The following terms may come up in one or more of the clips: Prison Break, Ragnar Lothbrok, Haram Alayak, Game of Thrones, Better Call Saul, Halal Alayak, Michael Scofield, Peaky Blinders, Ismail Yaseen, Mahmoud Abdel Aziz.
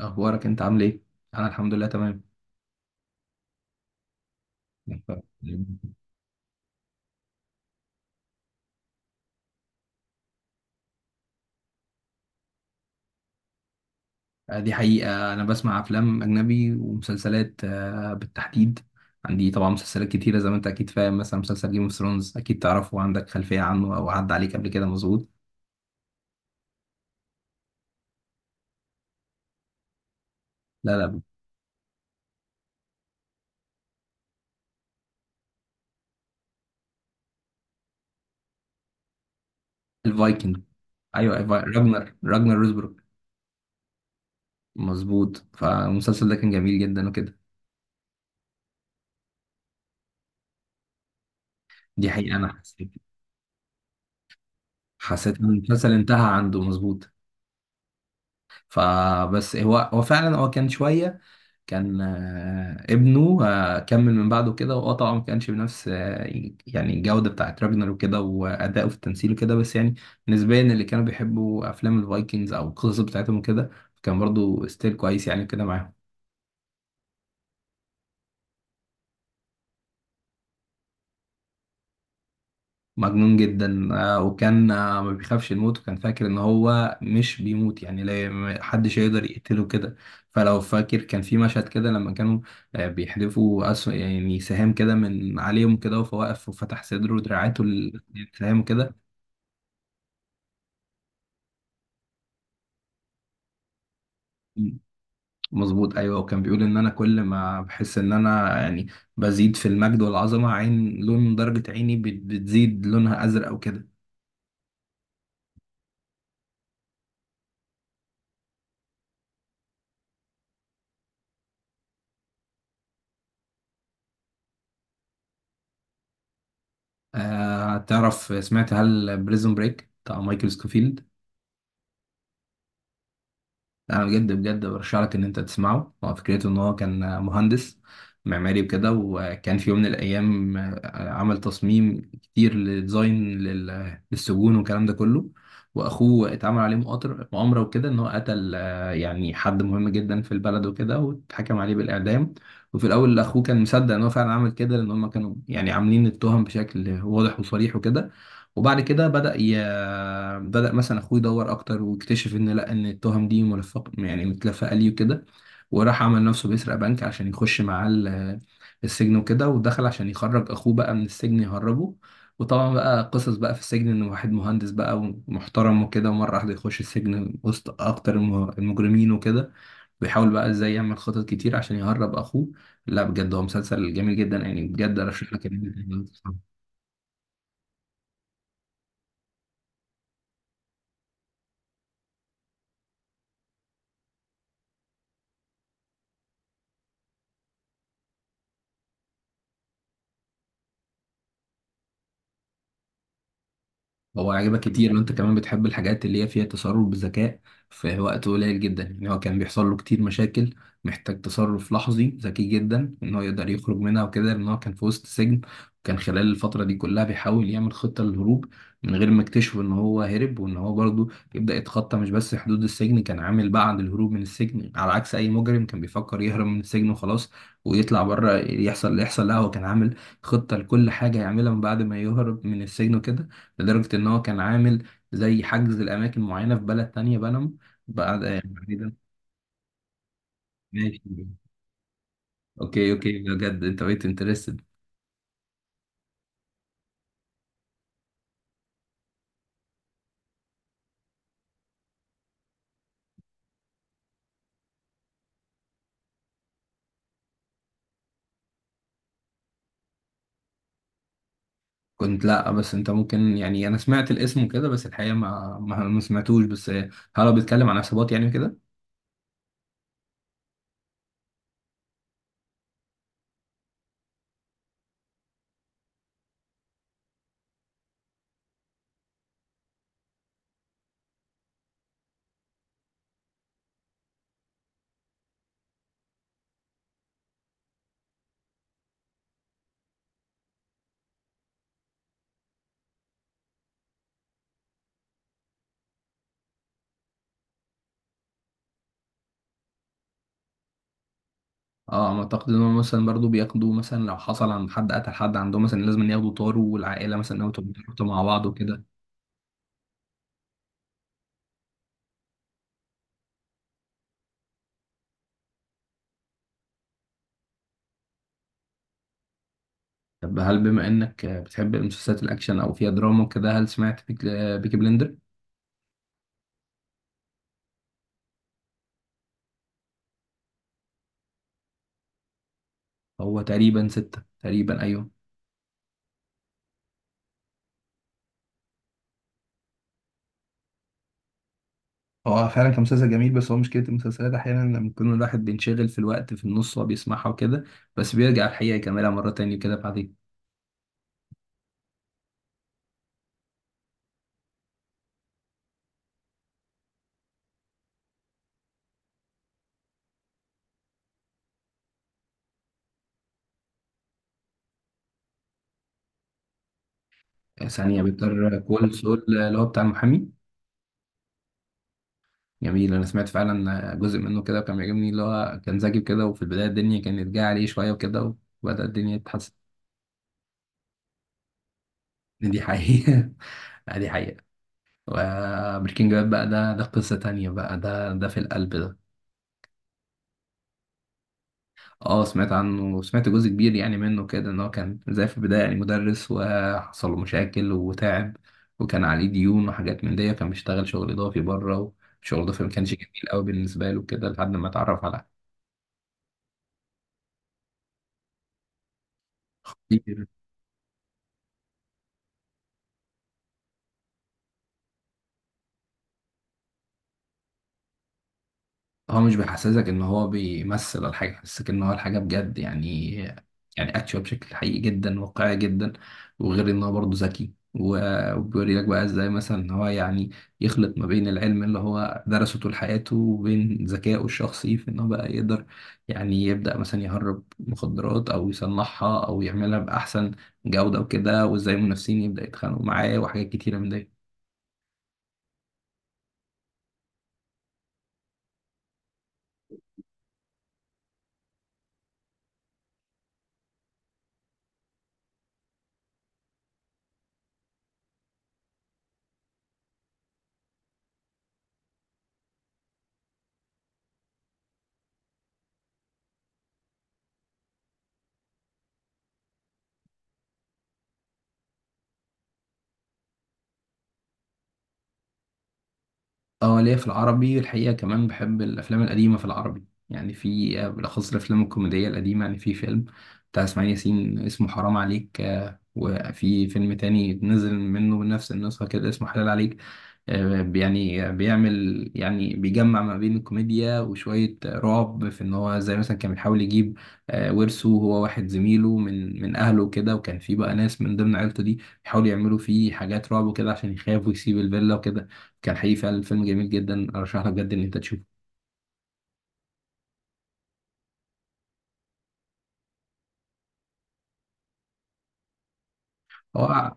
اخبارك انت عامل ايه؟ انا الحمد لله تمام. دي حقيقة انا بسمع افلام اجنبي ومسلسلات، بالتحديد. عندي طبعا مسلسلات كتيرة زي ما انت اكيد فاهم، مثلا مسلسل جيم اوف ثرونز اكيد تعرفه وعندك خلفية عنه او عدى عليك قبل كده، مظبوط. لا لا. الفايكنج. ايوه راجنر، روزبروك. مظبوط، فالمسلسل ده كان جميل جدا وكده. دي حقيقة انا حسيت، حسيت ان المسلسل انتهى عنده مظبوط. فبس هو فعلا هو كان شوية، كان، ابنه كمل من بعده كده، واه طبعا ما كانش بنفس، يعني الجودة بتاعت راجنر وكده وأداؤه في التمثيل وكده، بس يعني نسبيا اللي كانوا بيحبوا أفلام الفايكنجز أو القصص بتاعتهم وكده كان برضو ستيل كويس يعني كده معاهم. مجنون جدا، وكان، ما بيخافش يموت وكان فاكر ان هو مش بيموت يعني، لا ما حدش يقدر يقتله كده. فلو فاكر كان في مشهد كده لما كانوا، بيحدفوا أسو يعني سهام كده من عليهم كده، وهو واقف وفتح صدره ودراعاته السهام كده. مظبوط ايوه، وكان بيقول ان انا كل ما بحس ان انا يعني بزيد في المجد والعظمه، عين لون درجه عيني بتزيد لونها ازرق وكده. آه تعرف، سمعت هل بريزون بريك بتاع مايكل سكوفيلد؟ انا بجد برشح لك ان انت تسمعه. هو فكرته ان هو كان مهندس معماري وكده، وكان في يوم من الايام عمل تصميم كتير لديزاين للسجون والكلام ده كله، واخوه اتعمل عليه مؤامره وكده ان هو قتل، يعني حد مهم جدا في البلد وكده، واتحكم عليه بالاعدام. وفي الاول اخوه كان مصدق ان هو فعلا عمل كده، لان هم كانوا يعني عاملين التهم بشكل واضح وصريح وكده. وبعد كده بدأ مثلا اخوه يدور اكتر واكتشف ان لا، ان التهم دي ملفق يعني متلفقه ليه وكده. وراح عمل نفسه بيسرق بنك عشان يخش معاه السجن وكده، ودخل عشان يخرج اخوه بقى من السجن، يهربه. وطبعا بقى قصص بقى في السجن، ان واحد مهندس بقى ومحترم وكده ومره واحده يخش السجن وسط اكتر المجرمين وكده، بيحاول بقى ازاي يعمل خطط كتير عشان يهرب اخوه. لا بجد هو مسلسل جميل جدا، يعني بجد ارشح لك إن أنت تتفرج. هو عجبك كتير ان انت كمان بتحب الحاجات اللي هي فيها تصرف بذكاء في وقت قليل جدا، يعني هو كان بيحصل له كتير مشاكل محتاج تصرف لحظي ذكي جدا ان هو يقدر يخرج منها وكده، لان هو كان في وسط سجن. وكان خلال الفترة دي كلها بيحاول يعمل خطة للهروب من غير ما اكتشف ان هو هرب، وان هو برضه يبدأ يتخطى مش بس حدود السجن، كان عامل بعد الهروب من السجن على عكس اي مجرم كان بيفكر يهرب من السجن وخلاص ويطلع بره يحصل اللي يحصل، لا هو كان عامل خطة لكل حاجة يعملها من بعد ما يهرب من السجن وكده، لدرجة إن هو كان عامل زي حجز الأماكن معينة في بلد تانية، بنما، بعد يعني ده. ماشي، أوكي أوكي، بجد أنت بقيت انترستد. كنت لأ، بس أنت ممكن يعني أنا سمعت الاسم وكده، بس الحقيقة ما سمعتوش، بس هل هو بيتكلم عن عصابات يعني كده؟ اه ما اعتقد ان هم مثلا برضو بياخدوا، مثلا لو حصل عند حد قتل حد عندهم مثلا لازم ياخدوا طاروا والعائله مثلا لو تربطوا مع بعض وكده. طب هل بما انك بتحب المسلسلات الاكشن او فيها دراما وكده، هل سمعت بيكي بلندر؟ هو تقريبا ستة تقريبا ايوه. هو فعلا كان مسلسل جميل، بس هو مشكلة المسلسلات أحيانا لما يكون الواحد بينشغل في الوقت في النص وهو بيسمعها وكده، بس بيرجع الحقيقة يكملها مرة تانية كده بعد ثانية. بيضطر كول سول اللي هو بتاع المحامي. جميل، أنا سمعت فعلا جزء منه كده وكان بيعجبني، اللي هو كان ذكي كده، وفي البداية الدنيا كانت جاية عليه شوية وكده، وبدأ الدنيا تتحسن. دي حقيقة. دي حقيقة. وبريكنج باد بقى، ده قصة تانية بقى، ده في القلب ده. اه سمعت عنه وسمعت جزء كبير يعني منه كده، ان هو كان زي في البداية يعني مدرس وحصل له مشاكل وتعب، وكان عليه ديون وحاجات من دي، كان بيشتغل شغل اضافي بره، وشغل اضافي ما كانش جميل قوي بالنسبة له كده لحد ما اتعرف على. هو مش بيحسسك ان هو بيمثل الحاجه، بيحسسك ان هو الحاجه بجد يعني، يعني اكشوال بشكل حقيقي جدا واقعي جدا. وغير ان هو برضه ذكي وبيوري لك بقى ازاي مثلا ان هو يعني يخلط ما بين العلم اللي هو درسه طول حياته وبين ذكائه الشخصي، في ان هو بقى يقدر يعني يبدا مثلا يهرب مخدرات او يصنعها او يعملها باحسن جوده وكده، وازاي المنافسين يبدا يتخانقوا معاه وحاجات كتيره من دي. اه ليا في العربي الحقيقة، كمان بحب الأفلام القديمة في العربي، يعني في، بالأخص الأفلام الكوميدية القديمة، يعني في فيلم بتاع إسماعيل ياسين اسمه حرام عليك، وفي فيلم تاني نزل منه بنفس النسخة كده اسمه حلال عليك. يعني بيعمل، يعني بيجمع ما بين الكوميديا وشوية رعب، في إن هو زي مثلا كان بيحاول يجيب، ورثه هو واحد زميله من أهله وكده، وكان في بقى ناس من ضمن عيلته دي بيحاولوا يعملوا فيه حاجات رعب وكده عشان يخاف ويسيب الفيلا وكده. كان حقيقي فعلا فيلم جميل جدا، ارشح لك بجد ان انت تشوفه. هو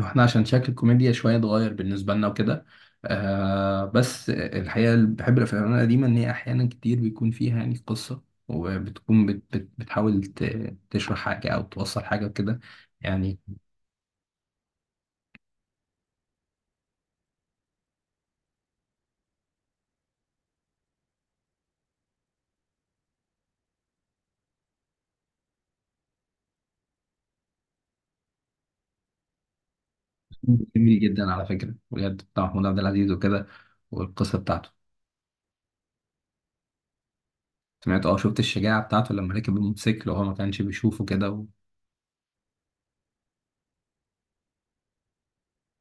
احنا عشان شكل الكوميديا شويه اتغير بالنسبه لنا وكده. آه، بس الحقيقه اللي بحب الافلام القديمه ان هي احيانا كتير بيكون فيها يعني قصه، وبتكون بت بتحاول تشرح حاجه او توصل حاجه وكده يعني. جميل جدا على فكره، بجد بتاع محمود عبد العزيز وكده، والقصه بتاعته. سمعت، اه شفت الشجاعه بتاعته لما ركب الموتوسيكل وهو ما كانش بيشوفه كده.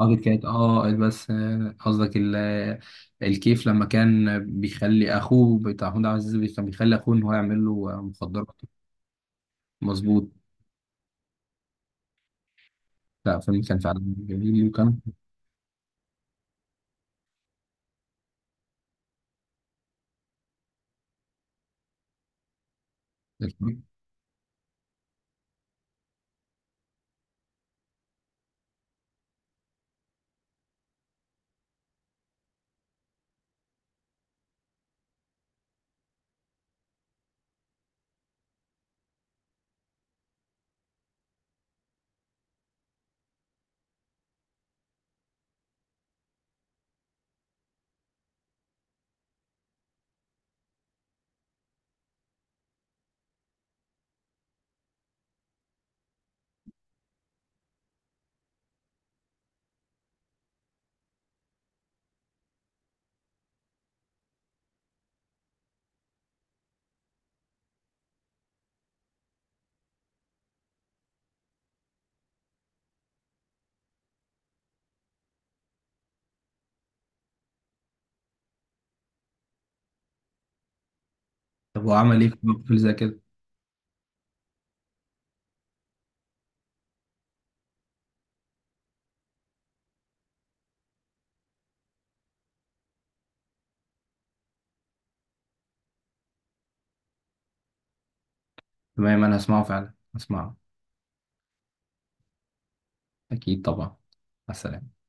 اه كيت كات، اه بس، قصدك الكيف، لما كان بيخلي اخوه بتاع محمود عبد العزيز كان بيخلي اخوه ان هو يعمل له، مخدرات. مظبوط. لا فيلم كان فعلا جميل وكان. طب هو عمل ايه في فيلم زي كده؟ تمام انا هسمعه، فعلا هسمعه. اكيد طبعا، مع السلامه.